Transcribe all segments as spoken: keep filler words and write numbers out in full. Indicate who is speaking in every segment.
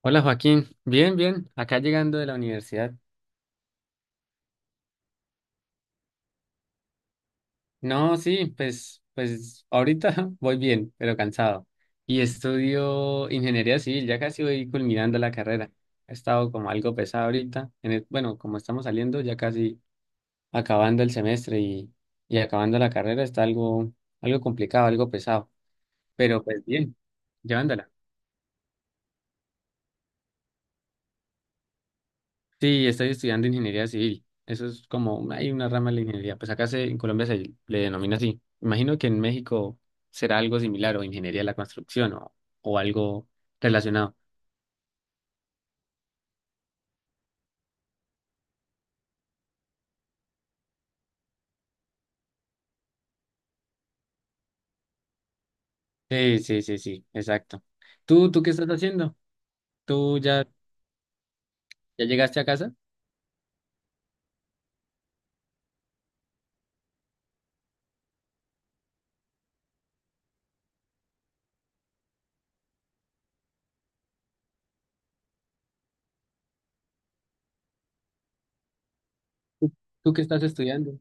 Speaker 1: Hola Joaquín, bien, bien, acá llegando de la universidad. No, sí, pues, pues ahorita voy bien, pero cansado. Y estudio ingeniería civil, ya casi voy culminando la carrera. Ha estado como algo pesado ahorita. En el- bueno, como estamos saliendo, ya casi acabando el semestre y, y acabando la carrera, está algo, algo complicado, algo pesado, pero pues bien, llevándola. Sí, estoy estudiando ingeniería civil. Eso es como, hay una rama de la ingeniería. Pues acá se, en Colombia se le denomina así. Imagino que en México será algo similar o ingeniería de la construcción o, o algo relacionado. Sí, sí, sí, sí, exacto. ¿Tú, tú qué estás haciendo? ¿Tú ya, ya llegaste a casa? ¿Tú qué estás estudiando?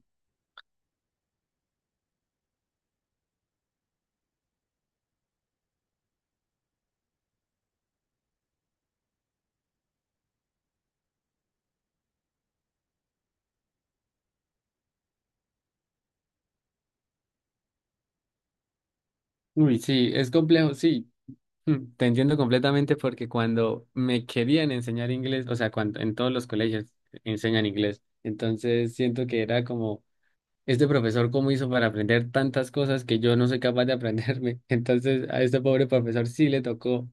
Speaker 1: Uy, sí, es complejo, sí. Mm, Te entiendo completamente, porque cuando me querían enseñar inglés, o sea, cuando en todos los colegios enseñan inglés, entonces siento que era como: "Este profesor, ¿cómo hizo para aprender tantas cosas que yo no soy capaz de aprenderme?" Entonces, a este pobre profesor sí le tocó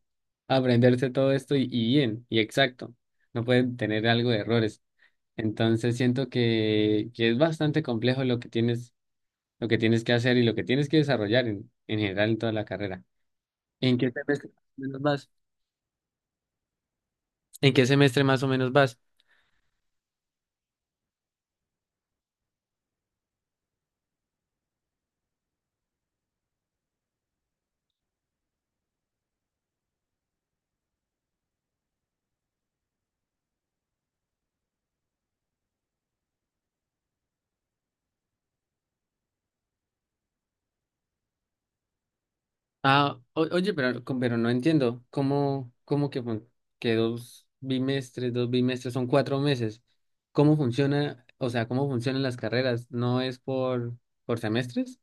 Speaker 1: aprenderse todo esto y, y bien, y exacto. No pueden tener algo de errores. Entonces, siento que, que es bastante complejo lo que tienes, lo que tienes que hacer y lo que tienes que desarrollar en, en general en toda la carrera. ¿En qué semestre más o menos vas? ¿En qué semestre más o menos vas? Ah, o- oye, pero, co- pero no entiendo. ¿Cómo, cómo que, fun- que dos bimestres, dos bimestres son cuatro meses? ¿Cómo funciona? O sea, ¿cómo funcionan las carreras? ¿No es por, por semestres?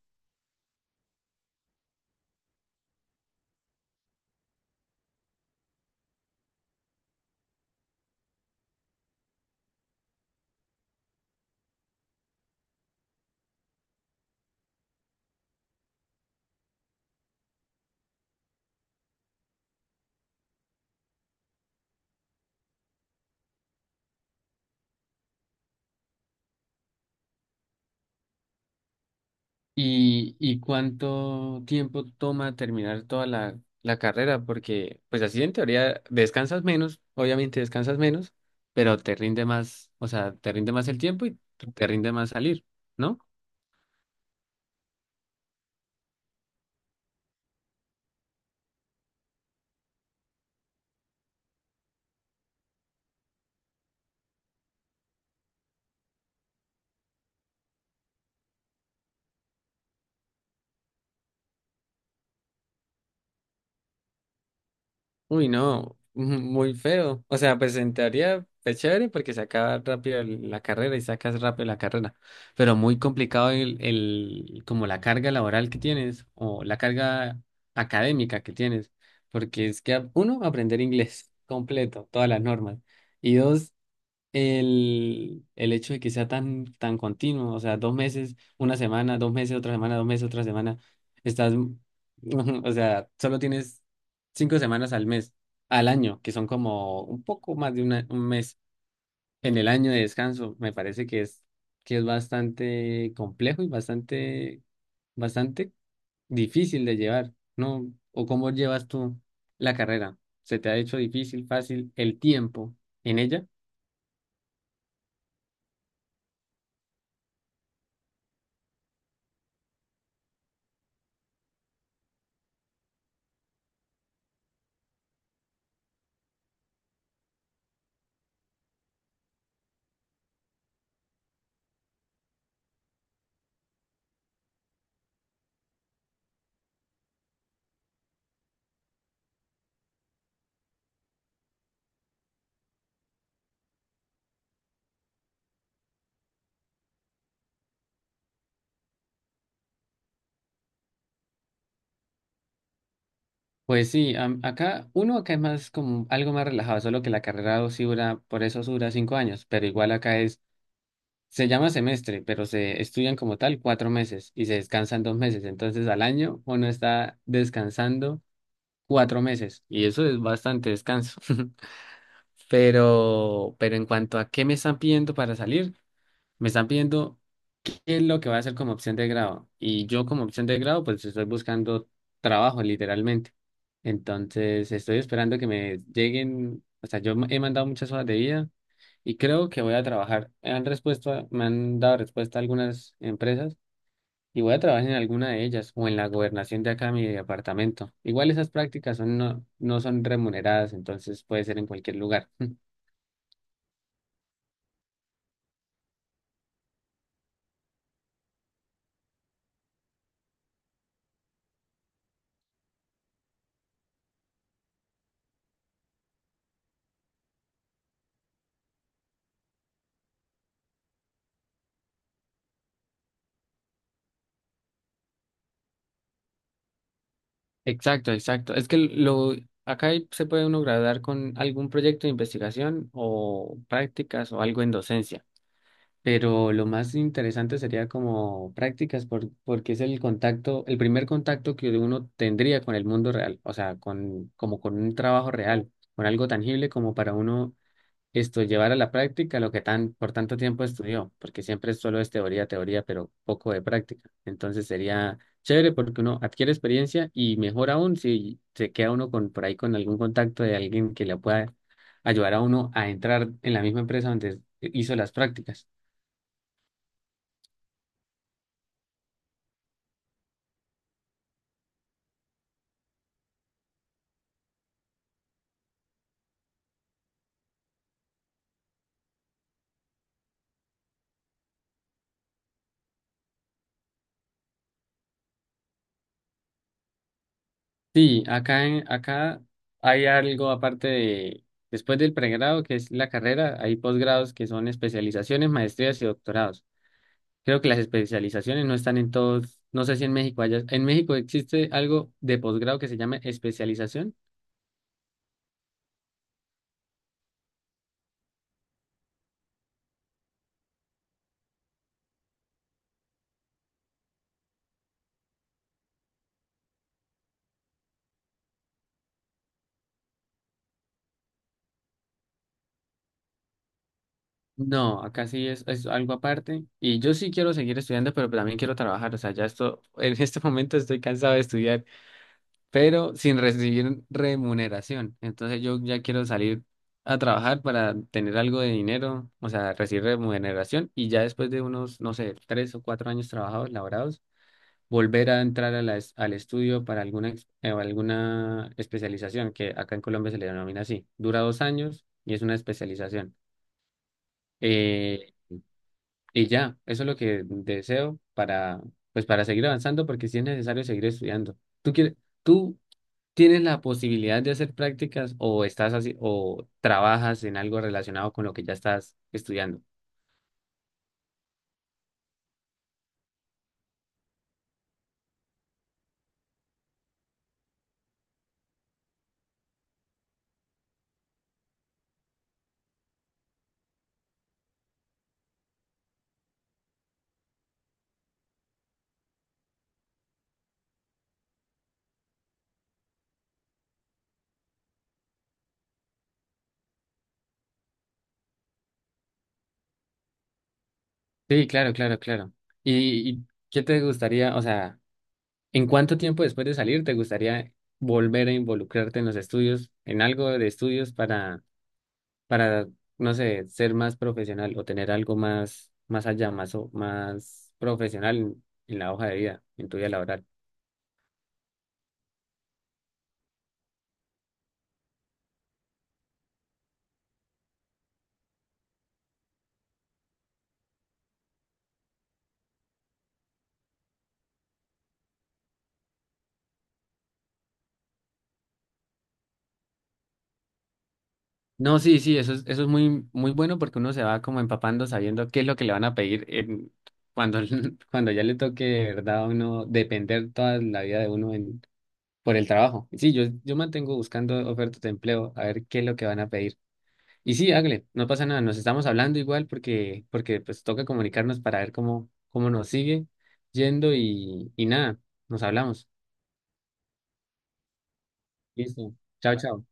Speaker 1: ¿Y, y cuánto tiempo toma terminar toda la, la carrera? Porque, pues así en teoría descansas menos, obviamente descansas menos, pero te rinde más, o sea, te rinde más el tiempo y te rinde más salir, ¿no? Uy, no, muy feo. O sea, pues en teoría es chévere porque se acaba rápido el- la carrera y sacas rápido la carrera, pero muy complicado el, el, como la carga laboral que tienes o la carga académica que tienes, porque es que uno, aprender inglés completo, todas las normas, y dos, el, el hecho de que sea tan, tan continuo, o sea, dos meses, una semana, dos meses, otra semana, dos meses, otra semana, estás, o sea, solo tienes cinco semanas al mes, al año, que son como un poco más de una- un mes en el año de descanso. Me parece que es, que es bastante complejo y bastante, bastante difícil de llevar, ¿no? ¿O cómo llevas tú la carrera? ¿Se te ha hecho difícil, fácil el tiempo en ella? Pues sí, am- acá, uno acá es más como algo más relajado, solo que la carrera dos sí dura, por eso sí dura cinco años, pero igual acá es, se llama semestre, pero se estudian como tal cuatro meses y se descansan dos meses, entonces al año uno está descansando cuatro meses y eso es bastante descanso. Pero, pero en cuanto a qué me están pidiendo para salir, me están pidiendo: ¿qué es lo que voy a hacer como opción de grado? Y yo, como opción de grado, pues estoy buscando trabajo literalmente. Entonces, estoy esperando que me lleguen, o sea, yo he mandado muchas hojas de vida y creo que voy a trabajar. Me han respuesto, me han dado respuesta algunas empresas y voy a trabajar en alguna de ellas o en la gobernación de acá de mi departamento. Igual esas prácticas son, no, no son remuneradas, entonces puede ser en cualquier lugar. Exacto, exacto. Es que lo acá hay- se puede uno graduar con algún proyecto de investigación o prácticas o algo en docencia, pero lo más interesante sería como prácticas por- porque es el contacto, el primer contacto que uno tendría con el mundo real, o sea, con como con un trabajo real, con algo tangible como para uno esto, llevar a la práctica lo que tan, por tanto tiempo estudió, porque siempre solo es teoría, teoría, pero poco de práctica. Entonces sería chévere porque uno adquiere experiencia, y mejor aún si se queda uno con, por ahí con algún contacto de alguien que le pueda ayudar a uno a entrar en la misma empresa donde hizo las prácticas. Sí, acá, en, acá hay algo aparte de, después del pregrado, que es la carrera, hay posgrados que son especializaciones, maestrías y doctorados. Creo que las especializaciones no están en todos, no sé si en México haya, ¿en México existe algo de posgrado que se llame especialización? No, acá sí es, es algo aparte, y yo sí quiero seguir estudiando, pero también quiero trabajar, o sea, ya esto, en este momento estoy cansado de estudiar, pero sin recibir remuneración, entonces yo ya quiero salir a trabajar para tener algo de dinero, o sea, recibir remuneración, y ya después de unos, no sé, tres o cuatro años trabajados, laborados, volver a entrar a la es- al estudio para alguna, ex- eh, alguna especialización, que acá en Colombia se le denomina así. Dura dos años y es una especialización. Eh, y ya, eso es lo que deseo para, pues, para seguir avanzando, porque sí es necesario seguir estudiando. ¿Tú quieres, tú tienes la posibilidad de hacer prácticas, o estás así, o trabajas en algo relacionado con lo que ya estás estudiando? Sí, claro, claro, claro. ¿Y, y qué te gustaría, o sea... ¿En cuánto tiempo después de salir te gustaría volver a involucrarte en los estudios, en algo de estudios para, para, no sé, ser más profesional o tener algo más, más allá, más, o- más profesional en, en la hoja de vida, en tu vida laboral? No, sí, sí, eso es, eso es muy, muy bueno, porque uno se va como empapando, sabiendo qué es lo que le van a pedir en- cuando, cuando ya le toque, de ¿verdad? A uno depender toda la vida de uno en, por el trabajo. Sí, yo, yo mantengo buscando ofertas de empleo a ver qué es lo que van a pedir. Y sí, hágale, no pasa nada, nos estamos hablando igual, porque, porque pues toca comunicarnos para ver cómo, cómo nos sigue yendo y, y nada, nos hablamos. Listo. Chao, chao.